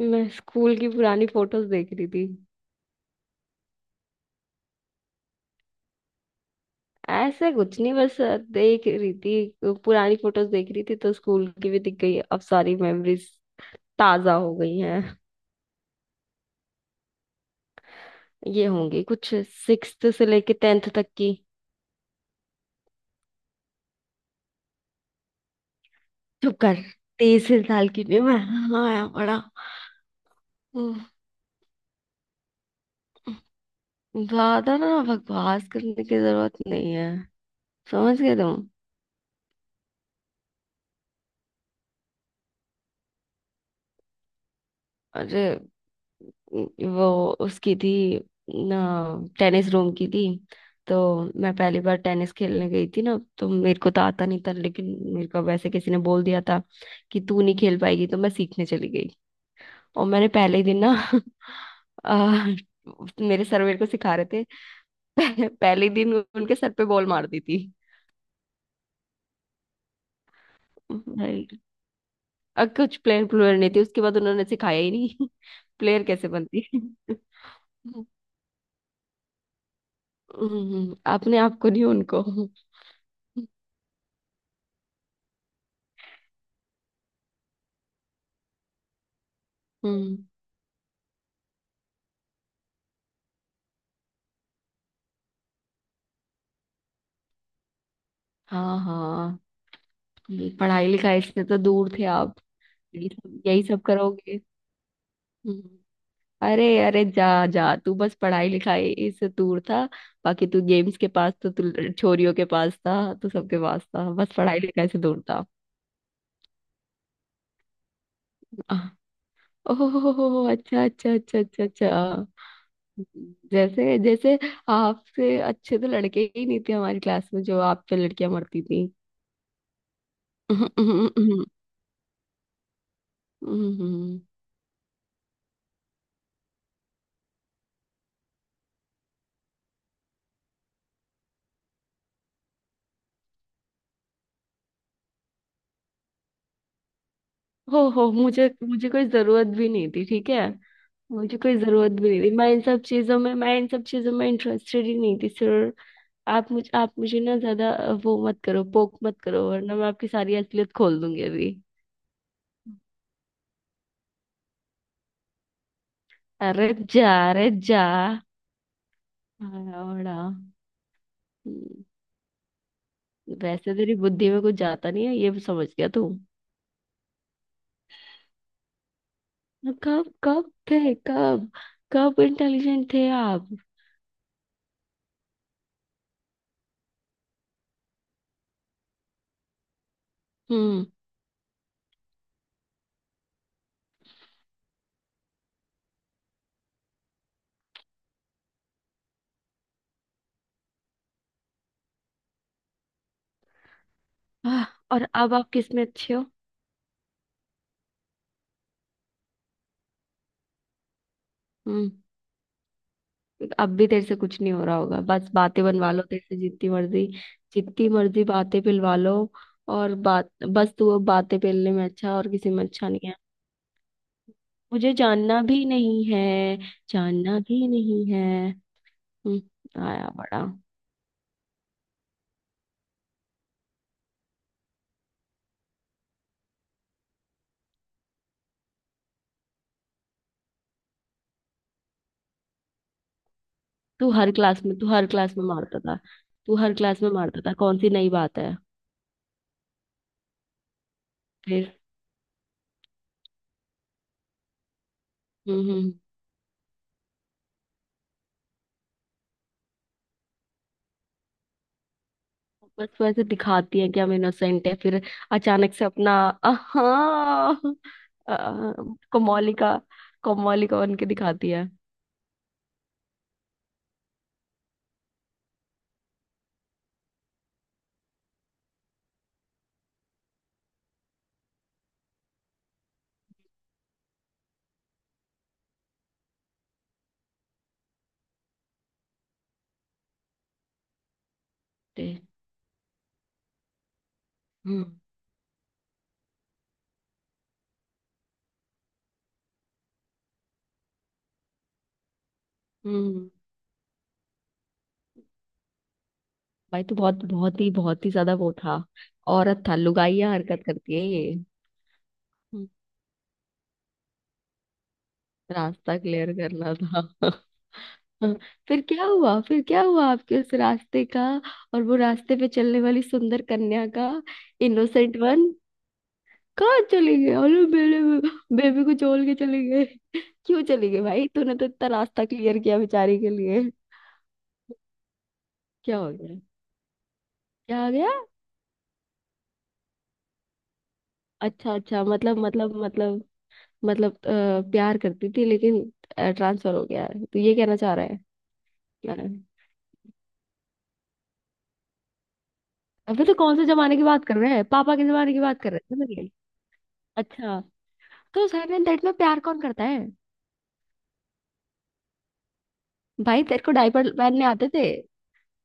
मैं स्कूल की पुरानी फोटोज देख रही थी। ऐसे कुछ नहीं, बस देख रही थी, पुरानी फोटोज देख रही थी, तो स्कूल की भी दिख गई, अब सारी मेमोरीज ताजा हो गई हैं। ये होंगी कुछ सिक्स से लेके टेंथ तक की। चुप कर। 23 साल की थी मैं, हाँ बड़ा। हम्म, ज्यादा ना बकवास करने की जरूरत नहीं है। समझ गए तुम? अरे, वो उसकी थी ना, टेनिस रूम की थी। तो मैं पहली बार टेनिस खेलने गई थी ना, तो मेरे को तो आता नहीं था, लेकिन मेरे को वैसे किसी ने बोल दिया था कि तू नहीं खेल पाएगी, तो मैं सीखने चली गई। और मैंने पहले ही दिन ना, आ, मेरे सर मेरे को सिखा रहे थे। पहले ही दिन उनके सर पे बॉल मार दी थी। भाई, कुछ प्लेयर प्लेयर नहीं थे, उसके बाद उन्होंने सिखाया ही नहीं। प्लेयर कैसे बनती। आपने आपको नहीं, उनको। हम्म। हाँ हाँ। ये पढ़ाई लिखाई से तो दूर थे आप। यही सब करोगे। हम्म। अरे अरे, जा जा तू, बस पढ़ाई लिखाई से दूर था, बाकी तू गेम्स के पास, तो तू छोरियों के पास था, तू सबके पास था, बस पढ़ाई लिखाई से दूर था। आह। ओह, अच्छा अच्छा अच्छा अच्छा अच्छा। जैसे जैसे आपसे अच्छे तो लड़के ही नहीं थे हमारी क्लास में, जो आप पे लड़कियां मरती थी। हम्म, हम्म, हम्म, हम्म, हम्म। हो, मुझे मुझे कोई जरूरत भी नहीं थी, ठीक है। मुझे कोई जरूरत भी नहीं थी, मैं इन सब चीजों में इंटरेस्टेड ही नहीं थी, सर। आप मुझे ना ज्यादा वो मत करो, पोक मत करो, वरना मैं आपकी सारी असलियत खोल दूंगी अभी। अरे जा, अरे जा। आया बड़ा। हम्म, वैसे तेरी बुद्धि में कुछ जाता नहीं है, ये भी समझ गया तू। कब कब थे, कब कब इंटेलिजेंट थे आप? हम्म। आह। और अब आप किस में अच्छे हो? हम्म। अब भी तेरे से कुछ नहीं हो रहा होगा, बस बातें बनवा लो तेरे से जितनी मर्जी, जितनी मर्जी बातें पिलवा लो। और बात बस, तू अब बातें पेलने में अच्छा, और किसी में अच्छा नहीं है। मुझे जानना भी नहीं है, जानना भी नहीं है। हम्म, आया बड़ा। तू हर क्लास में मारता था। तू हर क्लास में मारता था, कौन सी नई बात है? फिर। हम्म। बस वैसे दिखाती है कि हम इनोसेंट है, फिर अचानक से अपना। हाँ। कोमोली का कोमोली का बन के दिखाती है। ते- हम्म हम्म। भाई तो बहुत, बहुत ही ज्यादा वो था। औरत था, लुगाइया हरकत करती है ये। हम्म, रास्ता क्लियर करना था। फिर क्या हुआ, फिर क्या हुआ आपके उस रास्ते का? और वो रास्ते पे चलने वाली सुंदर कन्या का? Innocent one. कहाँ चले गए? अरे मेरे बेबी को छोड़ के चले गए? क्यों चले गए भाई, तूने तो इतना रास्ता क्लियर किया बेचारी के लिए। क्या हो गया, क्या हो गया? अच्छा अच्छा, मतलब मतलब मतलब मतलब, प्यार करती थी लेकिन ट्रांसफर हो गया है, तो ये कहना चाह रहा है। अ, अबे तो कौन से जमाने की बात कर रहे हैं, पापा के जमाने की बात कर रहे हैं, समझ गई। अच्छा। तो साइलेंट डेट में प्यार कौन करता है? भाई तेरे को डायपर पहनने आते थे?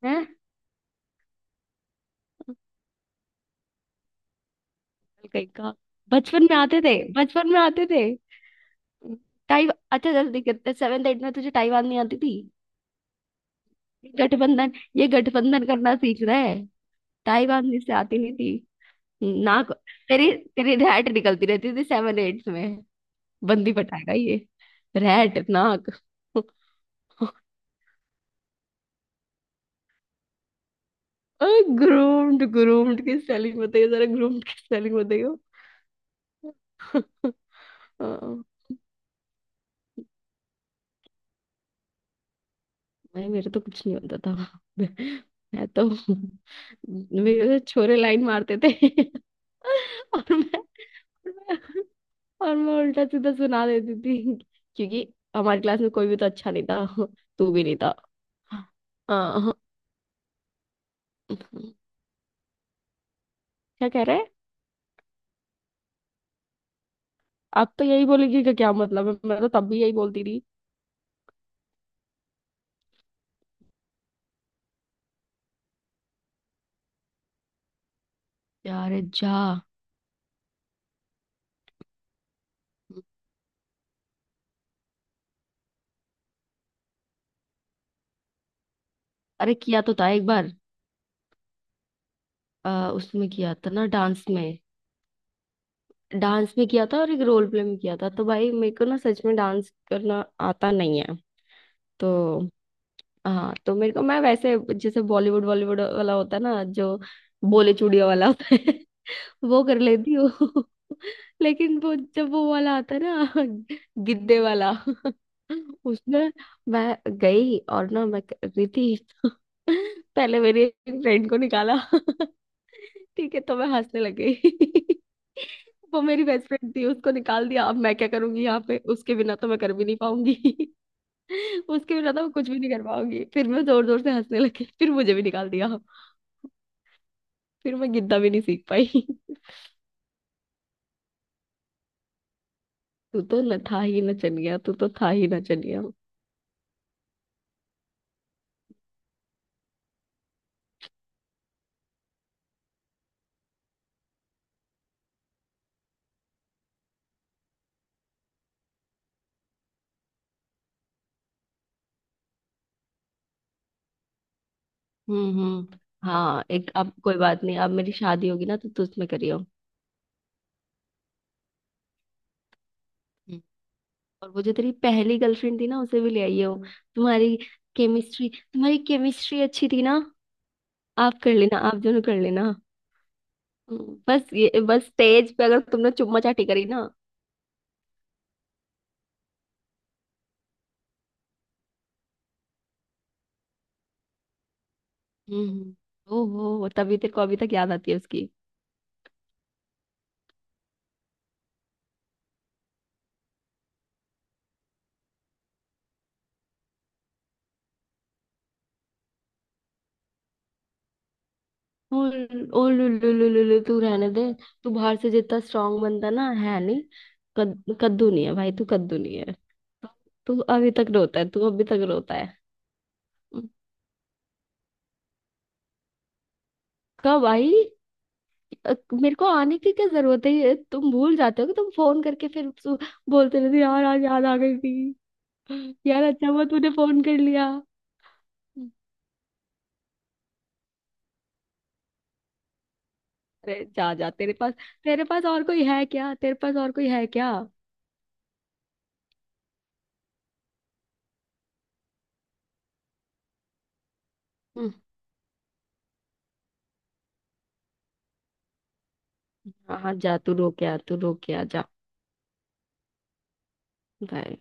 हैं? कहीं का। बचपन में आते थे, बचपन में आते थे। टाइप अच्छा जल्दी करते, सेवेंथ एट में तुझे ताइवान नहीं आती थी। गठबंधन ये गठबंधन करना सीख रहा है। ताइवान से आती नहीं थी ना। तेरी तेरी रैट निकलती रहती थी सेवन एट में। बंदी पटाएगा ये, रैट नाक। ग्रूम्ड, ग्रूम्ड की स्पेलिंग बताइए जरा, ग्रूम्ड की स्पेलिंग बताइए। नहीं, मेरे तो कुछ नहीं होता था। मैं तो, मेरे तो छोरे लाइन मारते थे। और मैं और मैं उल्टा सीधा सुना देती थी। क्योंकि हमारी क्लास में कोई भी तो अच्छा नहीं था। तू भी नहीं था। हाँ हाँ। क्या? कह रहे? आप तो यही बोलेगी कि क्या मतलब है, मैं तो तब भी यही बोलती थी। यार, जा। अरे, किया तो था एक बार, उसमें किया था ना, डांस में। डांस में किया था, और एक रोल प्ले में किया था। तो भाई मेरे को ना, सच में डांस करना आता नहीं है। तो हाँ, तो मेरे को, मैं वैसे, जैसे बॉलीवुड बॉलीवुड वाला होता है ना, जो बोले चूड़िया वाला होता है, वो कर लेती हूँ। लेकिन वो, जब वो वाला आता है ना, गिद्दे वाला, उसमें मैं गई, और ना मैं कर रही थी। पहले मेरी एक फ्रेंड को निकाला। ठीक है, तो मैं हंसने लग गई। वो मेरी बेस्ट फ्रेंड थी, उसको निकाल दिया, अब मैं क्या करूंगी यहाँ पे, उसके बिना तो मैं कर भी नहीं पाऊंगी। उसके बिना तो मैं कुछ भी नहीं कर पाऊंगी, फिर मैं जोर जोर से हंसने लगी, फिर मुझे भी निकाल दिया। फिर मैं गिद्दा भी नहीं सीख पाई। तू तो था ही ना, चल गया, तू तो था ही ना चल गया। हम्म। हाँ एक, अब कोई बात नहीं, अब मेरी शादी होगी ना, तो तू उसमें करियो। हम्म। और वो जो तेरी पहली गर्लफ्रेंड थी ना, उसे भी ले आइयो। तुम्हारी तुम्हारी केमिस्ट्री अच्छी थी ना। आप कर लेना, आप दोनों कर लेना। बस ये, बस स्टेज पे अगर तुमने चुम्मा चाटी करी ना। हम्म, हम्म। ओहो, तभी तेरे को अभी तक याद आती है उसकी। ओ, ओ लु लु लु लु लु, तू रहने दे। तू बाहर से जितना स्ट्रांग बनता ना, है नहीं। कद्दू नहीं है भाई, तू कद्दू नहीं है। तू अभी तक रोता है, तू अभी तक रोता है। कब आई? मेरे को आने की क्या जरूरत है? ये तुम भूल जाते हो कि तुम फोन करके फिर बोलते रहते हो, यार आज याद आ गई थी, यार अच्छा हुआ तूने फोन कर लिया। अरे जा जा तेरे पास और कोई है क्या तेरे पास और कोई है क्या हम्म। हाँ हाँ, जा तू रो के आ, तू रो के आ जा। बाय।